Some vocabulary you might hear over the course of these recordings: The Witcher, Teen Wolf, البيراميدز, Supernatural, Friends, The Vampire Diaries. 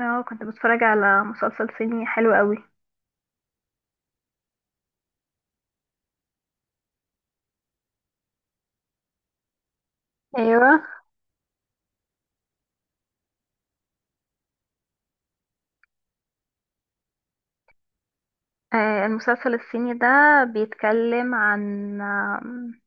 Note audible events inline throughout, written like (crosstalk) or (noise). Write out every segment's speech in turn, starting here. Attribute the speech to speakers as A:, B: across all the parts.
A: اه، كنت بتفرج على مسلسل صيني حلو قوي. ايوه. آه، المسلسل الصيني ده بيتكلم عن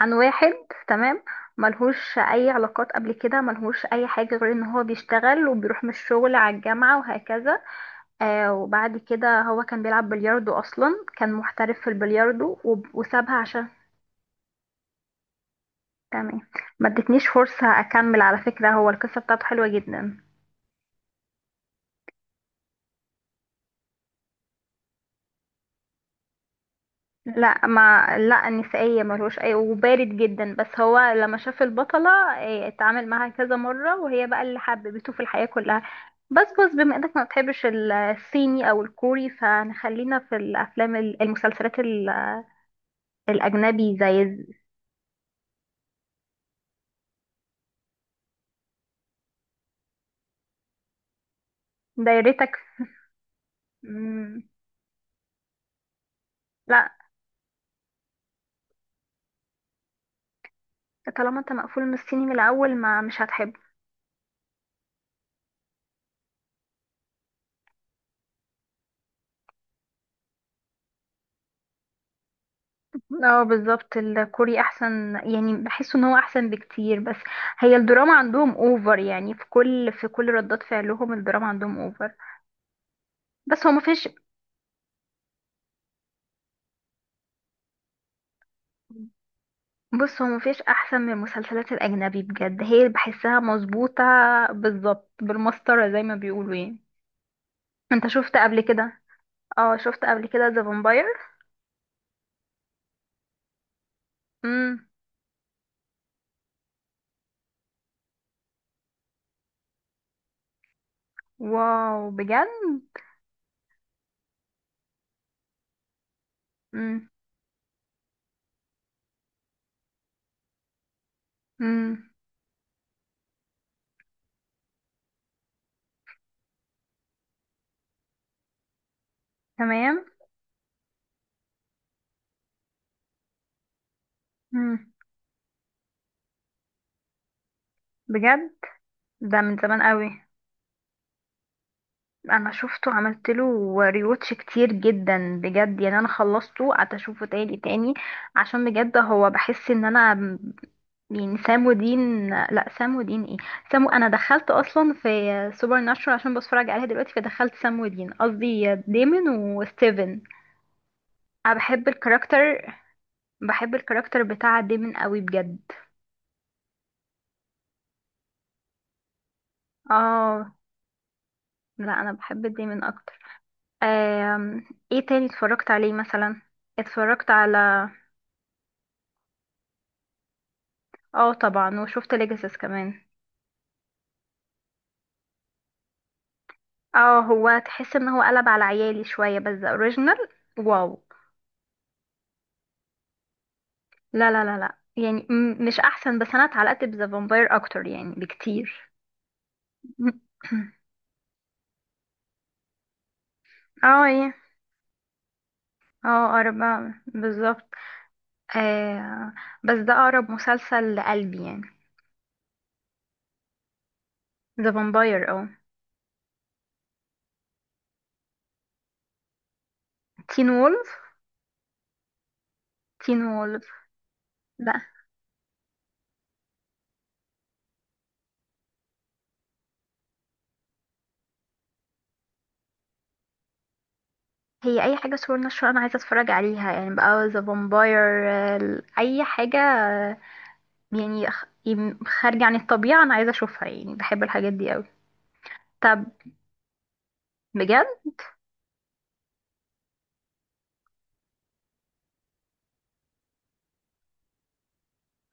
A: عن واحد. تمام. ملهوش اي علاقات قبل كده، ملهوش اي حاجة غير ان هو بيشتغل وبيروح من الشغل على الجامعة وهكذا. آه، وبعد كده هو كان بيلعب بلياردو، اصلا كان محترف في البلياردو، وسابها عشان. تمام. ما ادتنيش فرصة اكمل على فكرة، هو القصة بتاعته حلوة جدا. لا ما لا نسائية، ملوش اي، وبارد جدا، بس هو لما شاف البطلة، إيه، اتعامل معاها كذا مرة، وهي بقى اللي حببته في الحياة كلها. بس بما انك ما بتحبش الصيني او الكوري، فنخلينا في الافلام المسلسلات الاجنبي، زي دايرتك. مم. لا، طالما انت مقفول من الصيني من الاول، ما مش هتحبه. اه بالظبط، الكوري احسن يعني، بحس ان هو احسن بكتير، بس هي الدراما عندهم اوفر يعني، في كل ردات فعلهم الدراما عندهم اوفر. بس هو مفيش. بص، هو مفيش احسن من المسلسلات الاجنبي بجد، هي بحسها مظبوطة بالظبط بالمسطرة زي ما بيقولوا يعني. انت شفت قبل كده؟ اه شفت قبل كده ذا فامباير. امم. واو بجد. امم. امم. تمام. امم. بجد، ده من زمان قوي. انا شفته عملت له ريوتش كتير جدا بجد يعني، انا خلصته قعدت اشوفه تاني تاني، عشان بجد هو بحس ان انا يعني. سام ودين، لا سام ودين ايه، سام. انا دخلت اصلا في سوبر ناتشورال عشان بتفرج عليها دلوقتي، فدخلت سام ودين، قصدي ديمون وستيفن. انا بحب الكاركتر. بحب الكاركتر بتاع ديمون قوي بجد. اه. لا انا بحب ديمون اكتر. آم، ايه تاني اتفرجت عليه مثلا؟ اتفرجت على. اه طبعا، وشفت ليجاسيس كمان. اه هو تحس ان هو قلب على عيالي شويه، بس ذا اوريجينال. واو. لا لا لا لا. يعني مش احسن، بس انا اتعلقت بذا فامباير اكتر يعني بكتير. (clears throat) اه ايه. اه اقرب بقى، بالظبط. آه. بس ده اقرب مسلسل لقلبي يعني. ذا فامباير اه. تين وولف. تين وولف. لا، هي اي حاجه صور نشر انا عايزه اتفرج عليها يعني بقى ذا فامباير، اي حاجه يعني خارجة عن الطبيعة، أنا عايزة أشوفها يعني، بحب الحاجات دي قوي. طب. بجد.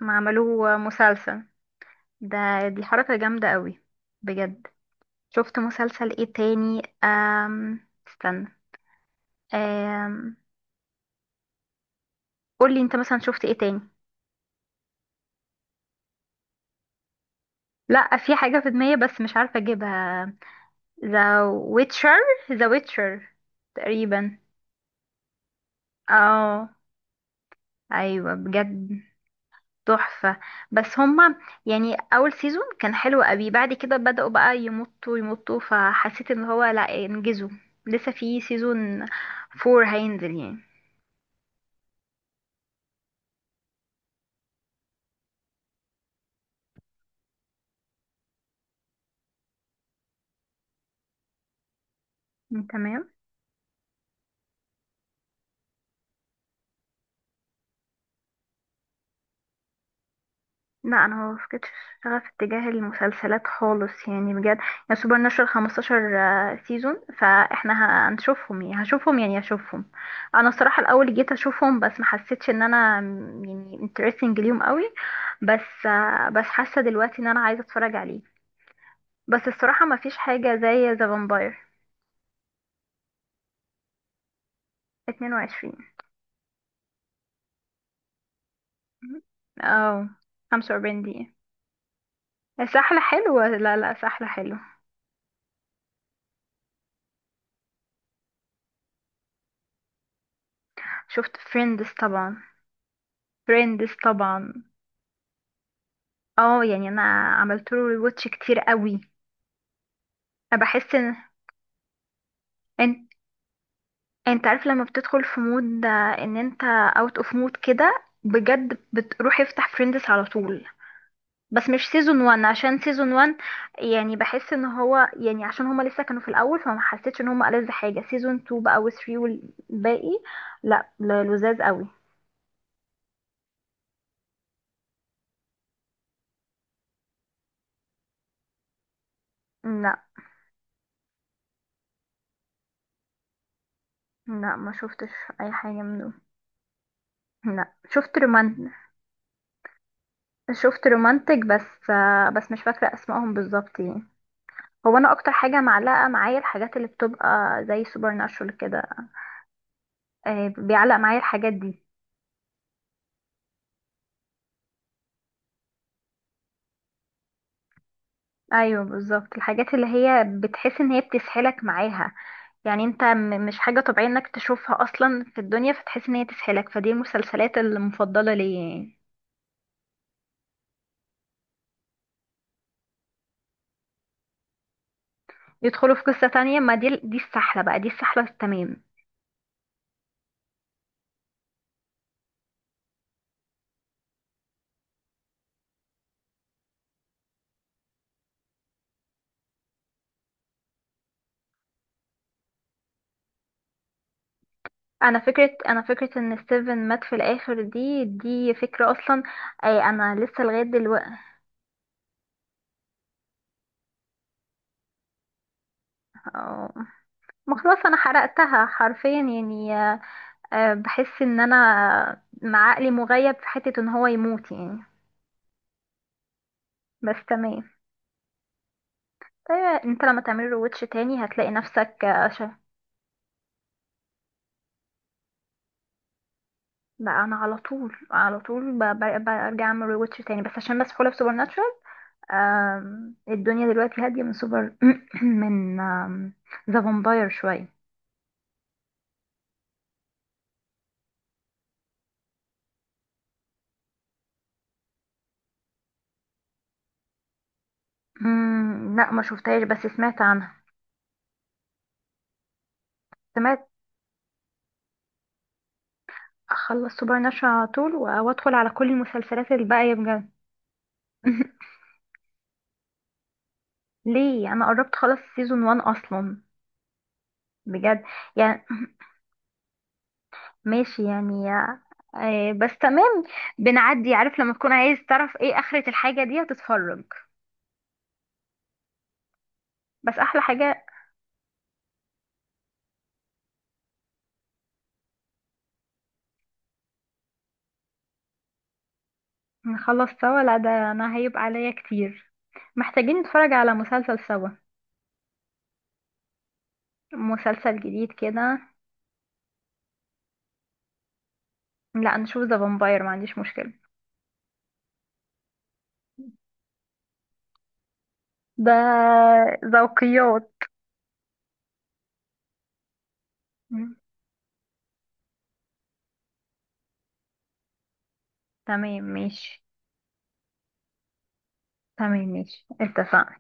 A: ما عملوه مسلسل. ده دي حركة جامدة قوي. بجد. شفت مسلسل ايه تاني استنى. أم... قولي انت مثلا شفت ايه تاني. لا في حاجة في دماغي بس مش عارفة اجيبها. ذا ويتشر. ذا ويتشر تقريبا. اه ايوه بجد. تحفة. بس هما يعني أول سيزون كان حلو قوي، بعد كده بدأوا بقى يمطوا يمطوا، فحسيت ان هو لا انجزوا. لسه في سيزون فور هينزل يعني. تمام. لا انا ما فقدتش شغف اتجاه المسلسلات خالص يعني بجد. يعني سوبر ناتشورال 15 سيزون، فاحنا هنشوفهم يعني، هشوفهم يعني، هشوفهم. انا الصراحة الاول جيت اشوفهم بس ما حسيتش ان انا يعني انترستنج ليهم قوي، بس بس حاسة دلوقتي ان انا عايزة اتفرج عليه، بس الصراحة ما فيش حاجة زي ذا فامباير. 22 او 45 دقيقة. سحلة حلوة، لا لا سحلة حلوة. شفت فريندز طبعا. فريندز طبعا. اه يعني انا عملت له ريواتش كتير قوي. انا بحس ان ان- انت عارف لما بتدخل في مود ان انت اوت اوف مود كده بجد، بتروح افتح فريندز على طول. بس مش سيزون 1، عشان سيزون 1 يعني بحس ان هو يعني عشان هما لسه كانوا في الاول، فما حسيتش ان هما ألذ حاجه. سيزون 2 بقى و3 والباقي، لا لا، لذاذ قوي. لا. لا ما شفتش اي حاجه من دول. لا شفت رومان. شفت رومانتك، بس بس مش فاكره اسمائهم بالظبط يعني. هو انا اكتر حاجه معلقه معايا الحاجات اللي بتبقى زي سوبر ناتشورال كده، بيعلق معايا الحاجات دي. ايوه بالظبط، الحاجات اللي هي بتحس ان هي بتسحلك معاها يعني، انت مش حاجة طبيعية انك تشوفها اصلا في الدنيا، فتحس ان هي تسحلك، فدي المسلسلات المفضلة ليا يعني. يدخلوا في قصة تانية، ما دي السحلة بقى، دي السحلة التمام. انا فكرة ان ستيفن مات في الاخر، دي فكرة اصلا. اي انا لسه لغاية دلوقتي. آه، ما خلاص انا حرقتها حرفيا يعني. بحس ان انا مع عقلي مغيب في حتة ان هو يموت يعني، بس تمام. ايوه، انت لما تعملي روتش تاني هتلاقي نفسك، بقى انا على طول على طول برجع اعمل روتش تاني بس عشان مسحولة في سوبر ناتشورال. الدنيا دلوقتي هادية من سوبر (clears throat) من ذا فامباير شوية. مم. لا ما شفتهاش بس سمعت عنها. سمعت. اخلص سوبر ناتشورال على طول وادخل على كل المسلسلات الباقية بجد. (laughs) ليه؟ انا قربت خلاص سيزون 1 اصلا. بجد يعني. ماشي يعني، بس تمام. بنعدي، عارف لما تكون عايز تعرف ايه آخرة الحاجة دي، هتتفرج. بس أحلى حاجة. نخلص سوا؟ لا ده أنا هيبقى عليا كتير. محتاجين نتفرج على مسلسل سوا، مسلسل جديد كده. لا نشوف ذا فامباير، ما عنديش مشكلة. ده ذوقيات. مم. تمام ماشي. تمام ماشي، اتفقنا.